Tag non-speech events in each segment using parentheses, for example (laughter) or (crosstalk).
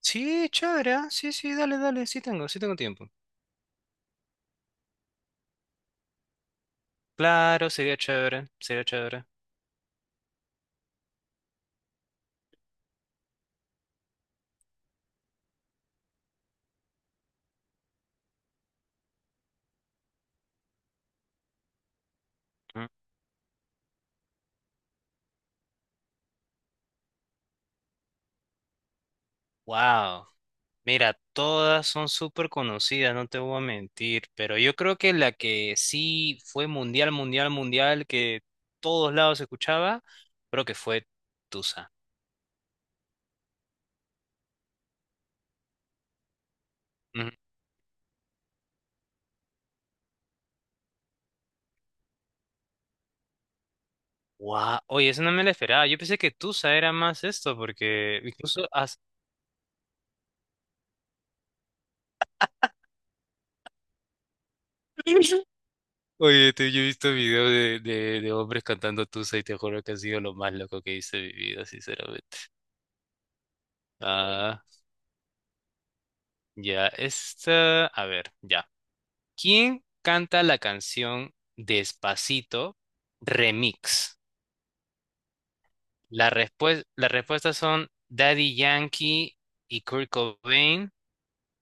Sí, chévere, sí, sí, dale, dale, sí tengo tiempo. Claro, sería chévere, sería chévere. Wow, mira, todas son súper conocidas, no te voy a mentir, pero yo creo que la que sí fue mundial, mundial, mundial, que todos lados se escuchaba, creo que fue Tusa. Wow, oye, eso no me la esperaba, yo pensé que Tusa era más esto, porque incluso (laughs) Oye, yo he visto videos de hombres cantando Tusa y te juro que ha sido lo más loco que he visto en mi vida, sinceramente. Ah, ya, esta, a ver, ya. ¿Quién canta la canción Despacito Remix? Las respuestas son Daddy Yankee y Kurt Cobain.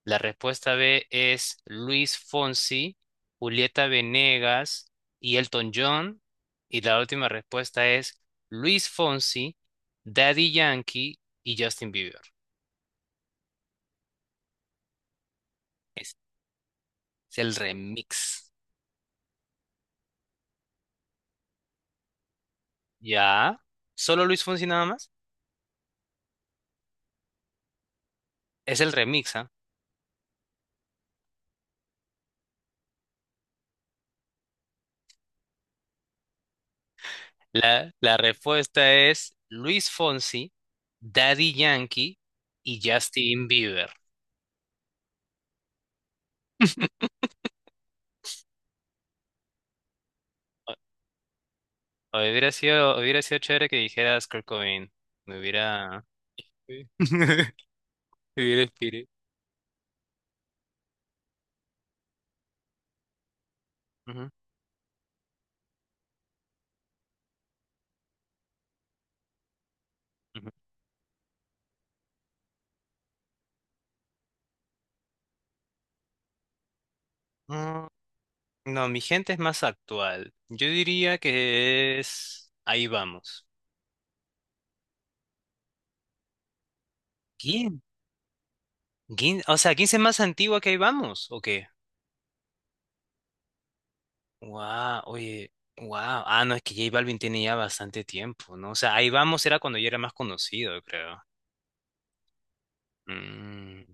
La respuesta B es Luis Fonsi, Julieta Venegas y Elton John. Y la última respuesta es Luis Fonsi, Daddy Yankee y Justin Bieber. Es, es el remix. ¿Ya? ¿Solo Luis Fonsi nada más? Es el remix, ¿ah? La respuesta es Luis Fonsi, Daddy Yankee y Justin Bieber. (laughs) Hubiera sido chévere que dijeras Kurt Cobain. Me hubiera. Sí. (laughs) Vivir el espíritu. Ujú, ujú. Mm, No, mi gente es más actual. Yo diría que es Ahí vamos. ¿Quién? ¿Quién? O sea, ¿quién es más antigua que Ahí vamos? ¿O qué? Wow, oye, wow. Ah, no, es que J Balvin tiene ya bastante tiempo, ¿no? O sea, Ahí vamos era cuando yo era más conocido, yo creo. Mm,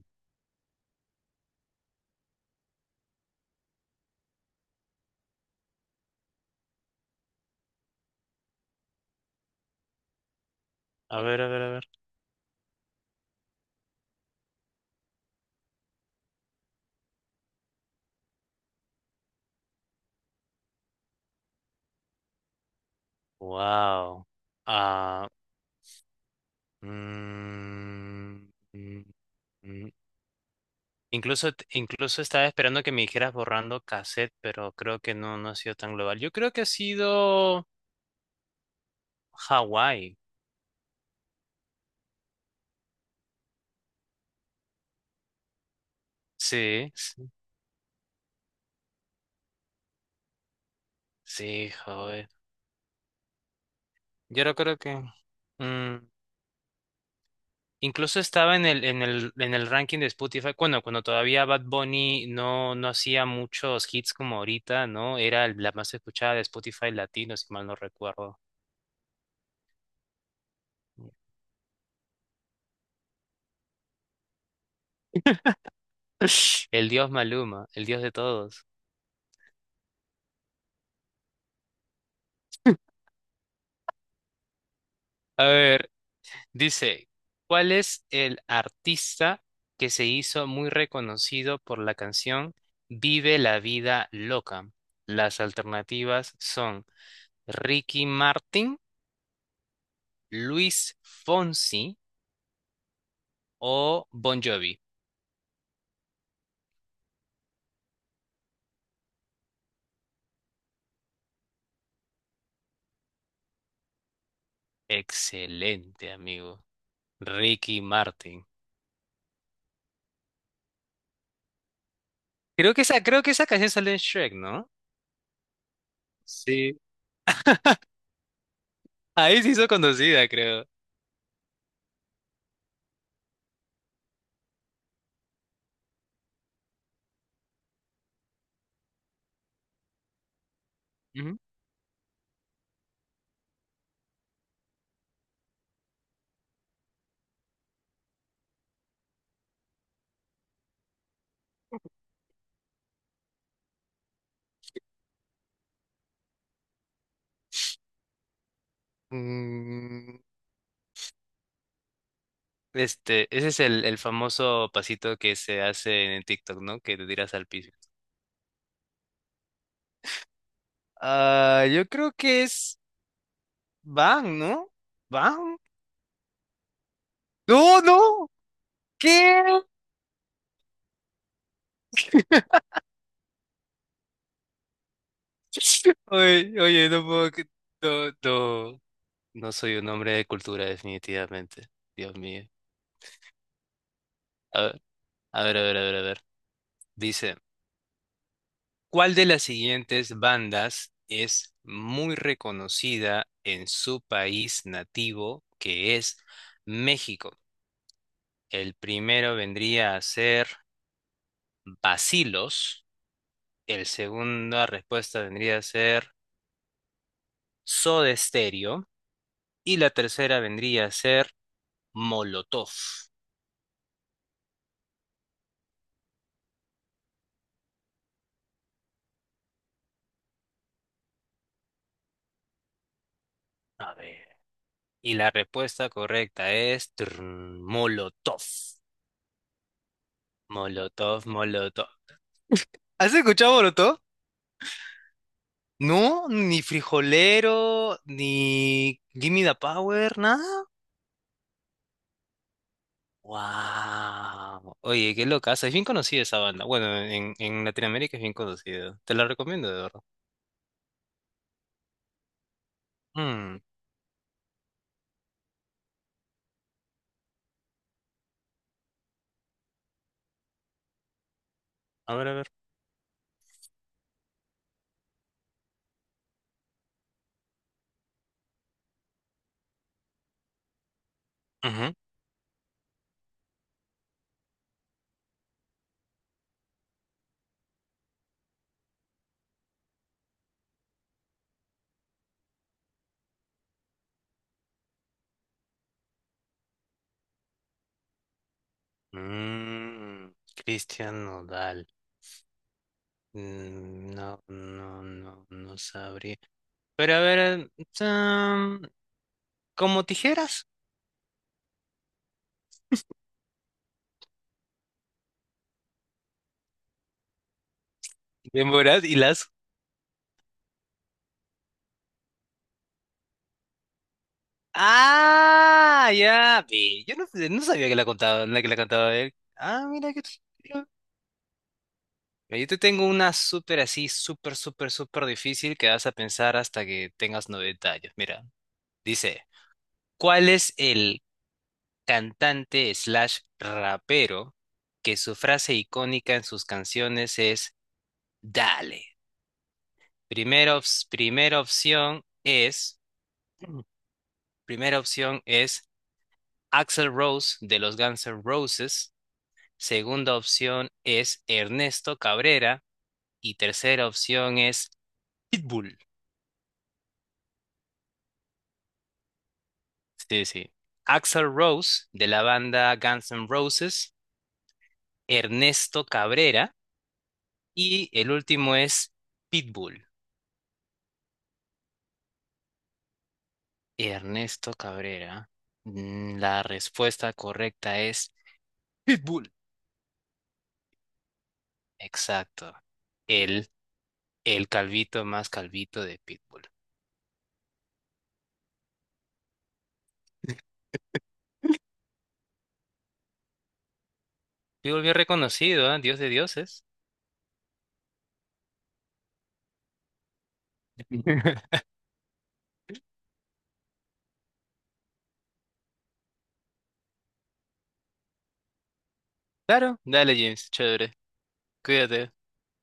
A ver, a ver, a ver. Wow. Ah, mm, mm, mm, Incluso, incluso estaba esperando que me dijeras borrando cassette, pero creo que no, no ha sido tan global. Yo creo que ha sido Hawái. Sí, sí, sí, joder. Yo no creo que mm, incluso estaba en el ranking de Spotify. Bueno, cuando todavía Bad Bunny no hacía muchos hits como ahorita, ¿no? Era la más escuchada de Spotify latino, si mal no recuerdo. (laughs) El dios Maluma, el dios de todos. A ver. Dice, ¿cuál es el artista que se hizo muy reconocido por la canción Vive la vida loca? Las alternativas son Ricky Martin, Luis Fonsi o Bon Jovi. Excelente, amigo. Ricky Martin. Creo que esa canción sale en Shrek, ¿no? Sí. Ahí se hizo conocida, creo. Ujú. Mm, Este, ese es el famoso pasito que se hace en TikTok, ¿no? Que te tiras al piso. Ah, yo creo que es Bang, ¿no? ¿Bang? ¡No, no! ¿Qué? (laughs) Oye, oye, no puedo. No, no. No soy un hombre de cultura, definitivamente. Dios mío. A ver, a ver, a ver, a ver, a ver. Dice, ¿cuál de las siguientes bandas es muy reconocida en su país nativo, que es México? El primero vendría a ser Bacilos. El segunda respuesta vendría a ser Soda Stereo. Y la tercera vendría a ser Molotov. A ver. Y la respuesta correcta es Molotov. Molotov, Molotov. ¿Has escuchado Molotov? No, ni Frijolero, ni Gimme the Power, nada. Wow. Oye, qué locaza. Es bien conocida esa banda. Bueno, en Latinoamérica es bien conocida. Te la recomiendo, de verdad. Mm, A ver, a ver. Ujú. Cristian Nodal. No, no, no, no sabría. Pero a ver, mm, como tijeras. Demoras y las. Ah, ya. Ve, yo no sabía que la contaba, la que la cantaba él. Ah, mira que. Mira, yo te tengo una súper así, súper, súper, súper difícil que vas a pensar hasta que tengas 90 años. Mira, dice, ¿cuál es el cantante slash rapero que su frase icónica en sus canciones es Dale? Primera opción es, (clears throat) primera opción es Axl Rose de los Guns N' Roses. Segunda opción es Ernesto Cabrera. Y tercera opción es Pitbull. Sí, sí. Axl Rose, de la banda Guns N' Roses, Ernesto Cabrera, y el último es Pitbull. Ernesto Cabrera. La respuesta correcta es Pitbull. Exacto. El, el calvito más calvito de Pitbull. (laughs) Pitbull bien reconocido, ¿ah? Dios de dioses. (laughs) Claro, dale, James, chévere. Cuídate.